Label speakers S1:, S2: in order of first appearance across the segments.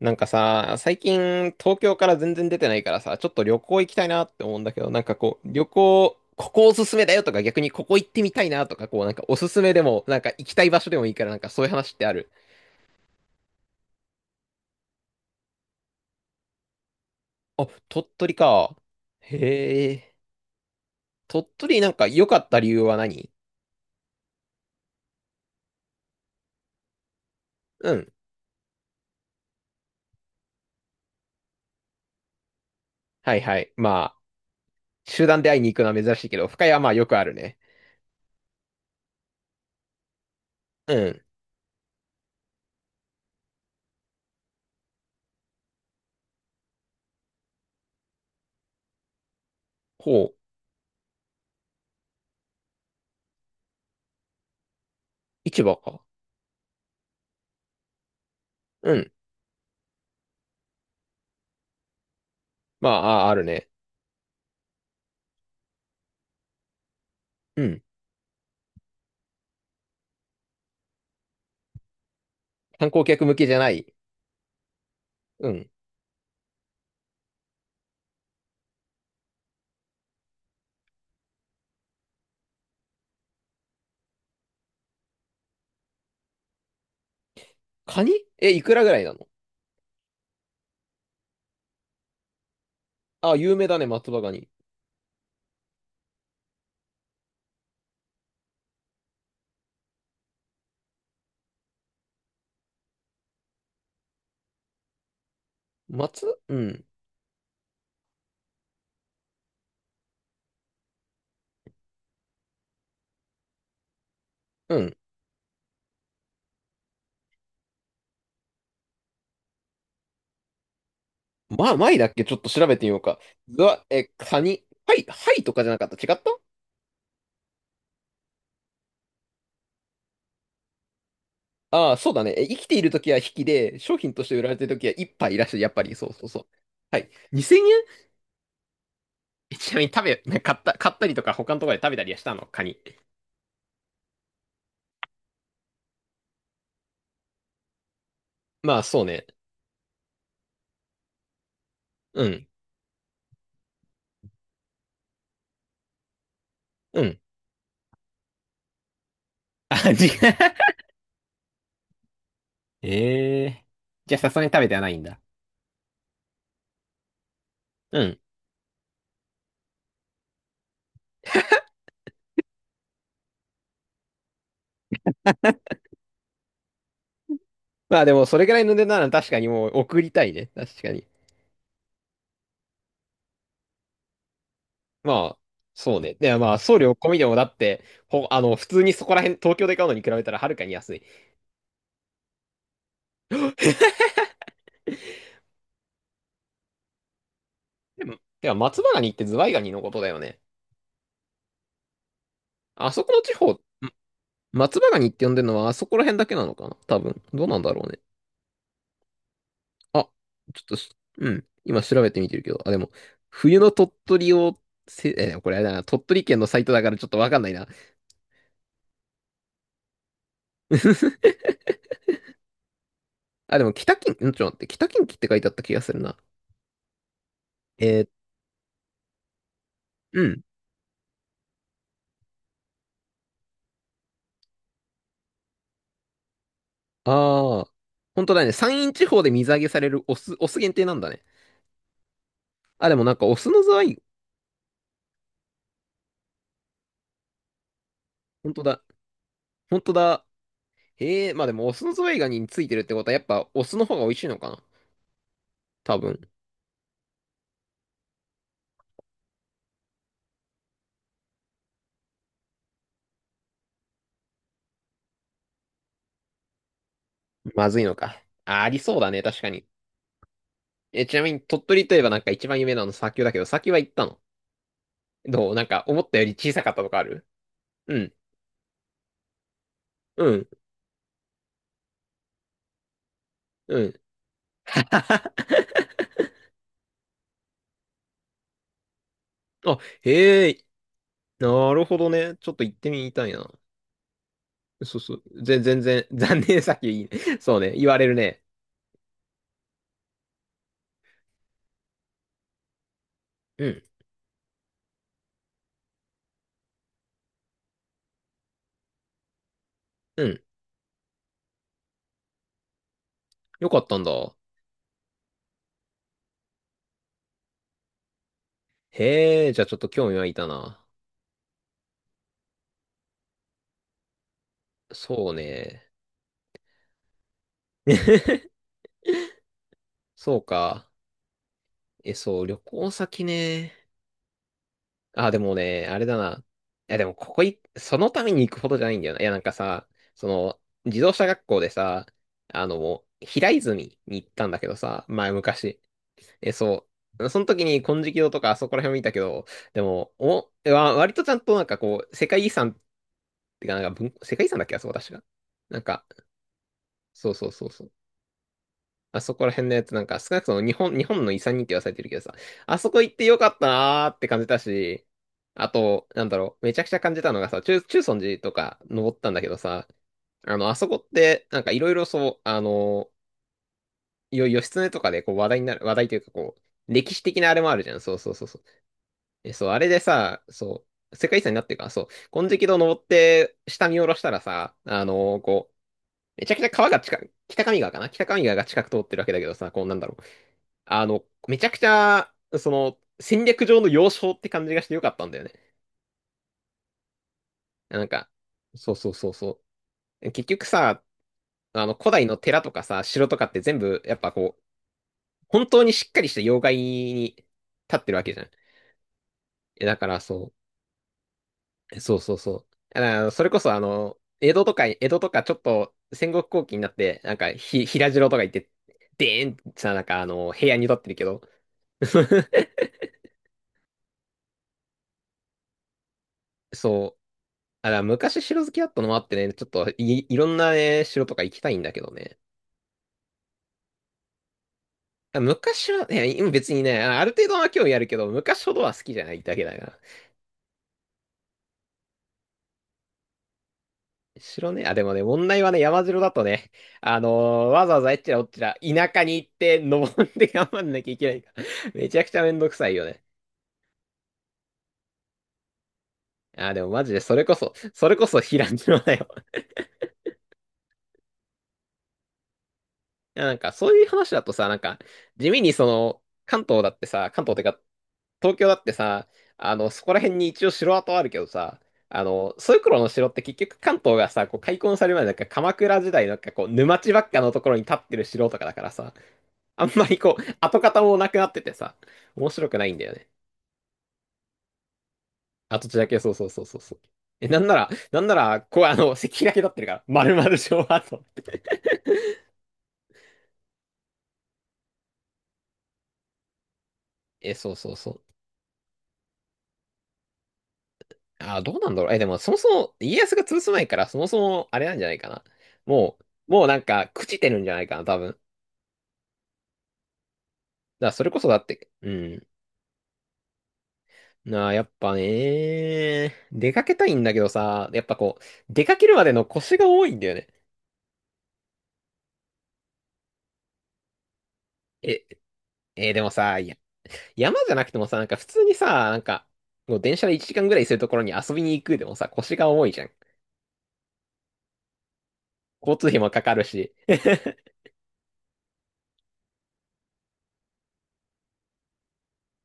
S1: なんかさ、最近東京から全然出てないからさ、ちょっと旅行行きたいなって思うんだけど、なんかこう、旅行、ここおすすめだよとか逆にここ行ってみたいなとか、こうなんかおすすめでも、なんか行きたい場所でもいいから、なんかそういう話ってある？あ、鳥取か。へえ。鳥取なんか良かった理由は何？うん。はいはい。まあ、集団で会いに行くのは珍しいけど、深谷はまあよくあるね。うん。ほう。市場か。うん。まあ、あ、あるね。うん。観光客向けじゃない？うん。カニ？え、いくらぐらいなの？あ、有名だね、松葉ガニ。うん。うん。まあ、前だっけちょっと調べてみようか。うわ、え、カニ。はい、はいとかじゃなかった。違った？ああ、そうだね。え、生きているときは引きで、商品として売られているときは一杯いらっしゃる。やっぱり、そうそうそう。はい。2000円。えんえちなみに食べ、な買ったりとか他のところで食べたりはしたの、カニ？まあ、そうね。うん。うん。あ、違う。ええ、じゃあ、さすがに食べてはないんだ。うん。まあ、でも、それぐらいの値段なら確かにもう送りたいね。確かに。まあ、そうね。で、まあ、送料込みでもだって、ほ、あの、普通にそこら辺、東京で買うのに比べたらはるかに安い。でも、では松葉ガニってズワイガニのことだよね。あそこの地方、松葉ガニって呼んでるのはあそこら辺だけなのかな多分。どうなんだろうね。あ、ちょっとうん。今調べてみてるけど。あ、でも、冬の鳥取を、これあれだな。鳥取県のサイトだからちょっとわかんないな。あ、でも北近、んちょっと待って。北近畿って書いてあった気がするな。えーうん。ああ、本当だね。山陰地方で水揚げされるオス限定なんだね。あ、でもなんかオスのズワイ、本当だ。本当だ。へえ、まあでもオスのズワイガニについてるってことはやっぱオスの方が美味しいのかな、多分。まずいのか。あ、ありそうだね、確かに。え、ちなみに鳥取といえばなんか一番有名なの砂丘だけど、砂丘は行ったの？どう、なんか思ったより小さかったとかある？うん、うん、うん。あ、へえ、なるほどね。ちょっと行ってみたいな。そうそう。全然、残念さっきいいね。そうね、言われるね。うん、うん。よかったんだ。へえ、じゃあちょっと興味湧いたな。そうね。そうか。え、そう、旅行先ね。あ、でもね、あれだな。いや、でもここい、そのために行くほどじゃないんだよな。いや、なんかさ、その、自動車学校でさ、あの、平泉に行ったんだけどさ、昔。え、そう。その時に金色堂とかあそこら辺見たけど、でも、割とちゃんとなんかこう、世界遺産ってか、なんか世界遺産だっけあそこ確か。なんか、そうそうそうそう。あそこら辺のやつなんか、少なくとも日本の遺産にって言わされてるけどさ、あそこ行ってよかったなーって感じたし、あと、なんだろう、めちゃくちゃ感じたのがさ、中尊寺とか登ったんだけどさ、あの、あそこって、なんかいろいろそう、あの、義経とかでこう話題になる、話題というかこう、歴史的なあれもあるじゃん。そうそうそうそう。え、そう、あれでさ、そう、世界遺産になってるから、そう、金色堂登って、下見下ろしたらさ、あの、こう、めちゃくちゃ川が近く、北上川かな、北上川が近く通ってるわけだけどさ、こうなんだろう。あの、めちゃくちゃ、その、戦略上の要衝って感じがしてよかったんだよね。なんか、そうそうそうそう。結局さ、あの、古代の寺とかさ、城とかって全部、やっぱこう、本当にしっかりした要害に立ってるわけじゃん。だからそう、そうそうそう。だからそれこそあの、江戸とか、江戸とかちょっと戦国後期になって、なんか平城とか行って、でーんってさ、なんかあの、平安に立ってるけど、そう。あ、だから昔城好きだったのもあってね、ちょっといろんなね、城とか行きたいんだけどね。あ昔は、ね、今別にね、ある程度は興味あるけど、昔ほどは好きじゃないだけだから。城ね、あ、でもね、問題はね、山城だとね、あのわざわざえっちらおっちら、田舎に行って、登って頑張んなきゃいけないから。めちゃくちゃめんどくさいよね。あ、でもマジで、それこそ、それこそ平城だよ。いや、なんか、そういう話だとさ、なんか、地味にその、関東だってさ、関東ってか、東京だってさ、あの、そこら辺に一応城跡あるけどさ、あの、そういう頃の城って結局関東がさ、こう開墾される前なんか鎌倉時代なんかこう、沼地ばっかのところに立ってる城とかだからさ、あんまりこう、跡形もなくなっててさ、面白くないんだよね。跡地だけ、そうそうそうそうそう。え、なんなら、こう、あの、石碑だけ立ってるから、丸々城跡。え、そうそうそう。あー、どうなんだろう。え、でも、そもそも、家康が潰す前から、そもそも、あれなんじゃないかな。ももうなんか、朽ちてるんじゃないかな、多分。だから、それこそだって、うん。なあ、やっぱね、出かけたいんだけどさ、やっぱこう、出かけるまでの腰が多いんだよね。え、でもさ、いや、山じゃなくてもさ、なんか普通にさ、なんか、もう電車で1時間ぐらいするところに遊びに行くでもさ、腰が重いじゃん。交通費もかかるし。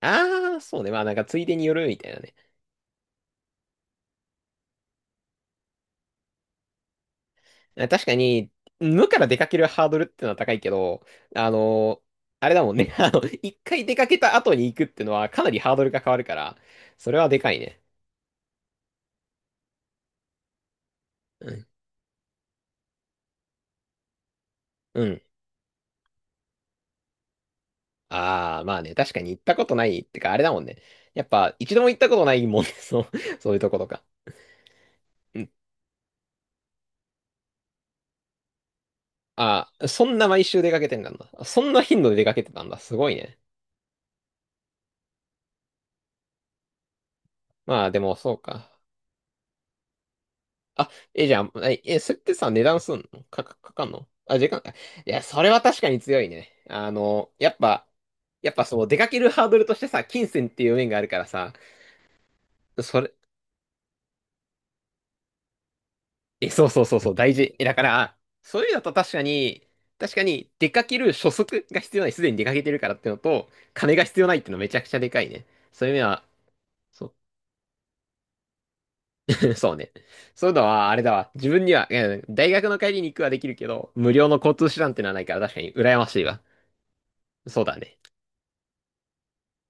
S1: ああ、そうね。まあなんかついでによるみたいなね。確かに、無から出かけるハードルってのは高いけど、あの、あれだもんね。あの、一回出かけた後に行くってのはかなりハードルが変わるから、それはでかいね。うん。うん。ああ、まあね、確かに行ったことないってか、あれだもんね。やっぱ、一度も行ったことないもんね。そう、そういうとことか。うん。ああ、そんな毎週出かけてんだな。そんな頻度で出かけてたんだ。すごいね。まあ、でも、そうか。あ、じゃあ、それってさ、値段すんのか、かんの？あ、時間か。いや、それは確かに強いね。あの、やっぱそう、出かけるハードルとしてさ、金銭っていう面があるからさ、それ、そうそうそうそう、大事。え、だから、そういうのと確かに、出かける初速が必要ない、すでに出かけてるからってのと、金が必要ないってのめちゃくちゃでかいね。そういう面は、そう、そうね。そういうのは、あれだわ。自分には、うん、大学の帰りに行くはできるけど、無料の交通手段ってのはないから確かに羨ましいわ。そうだね。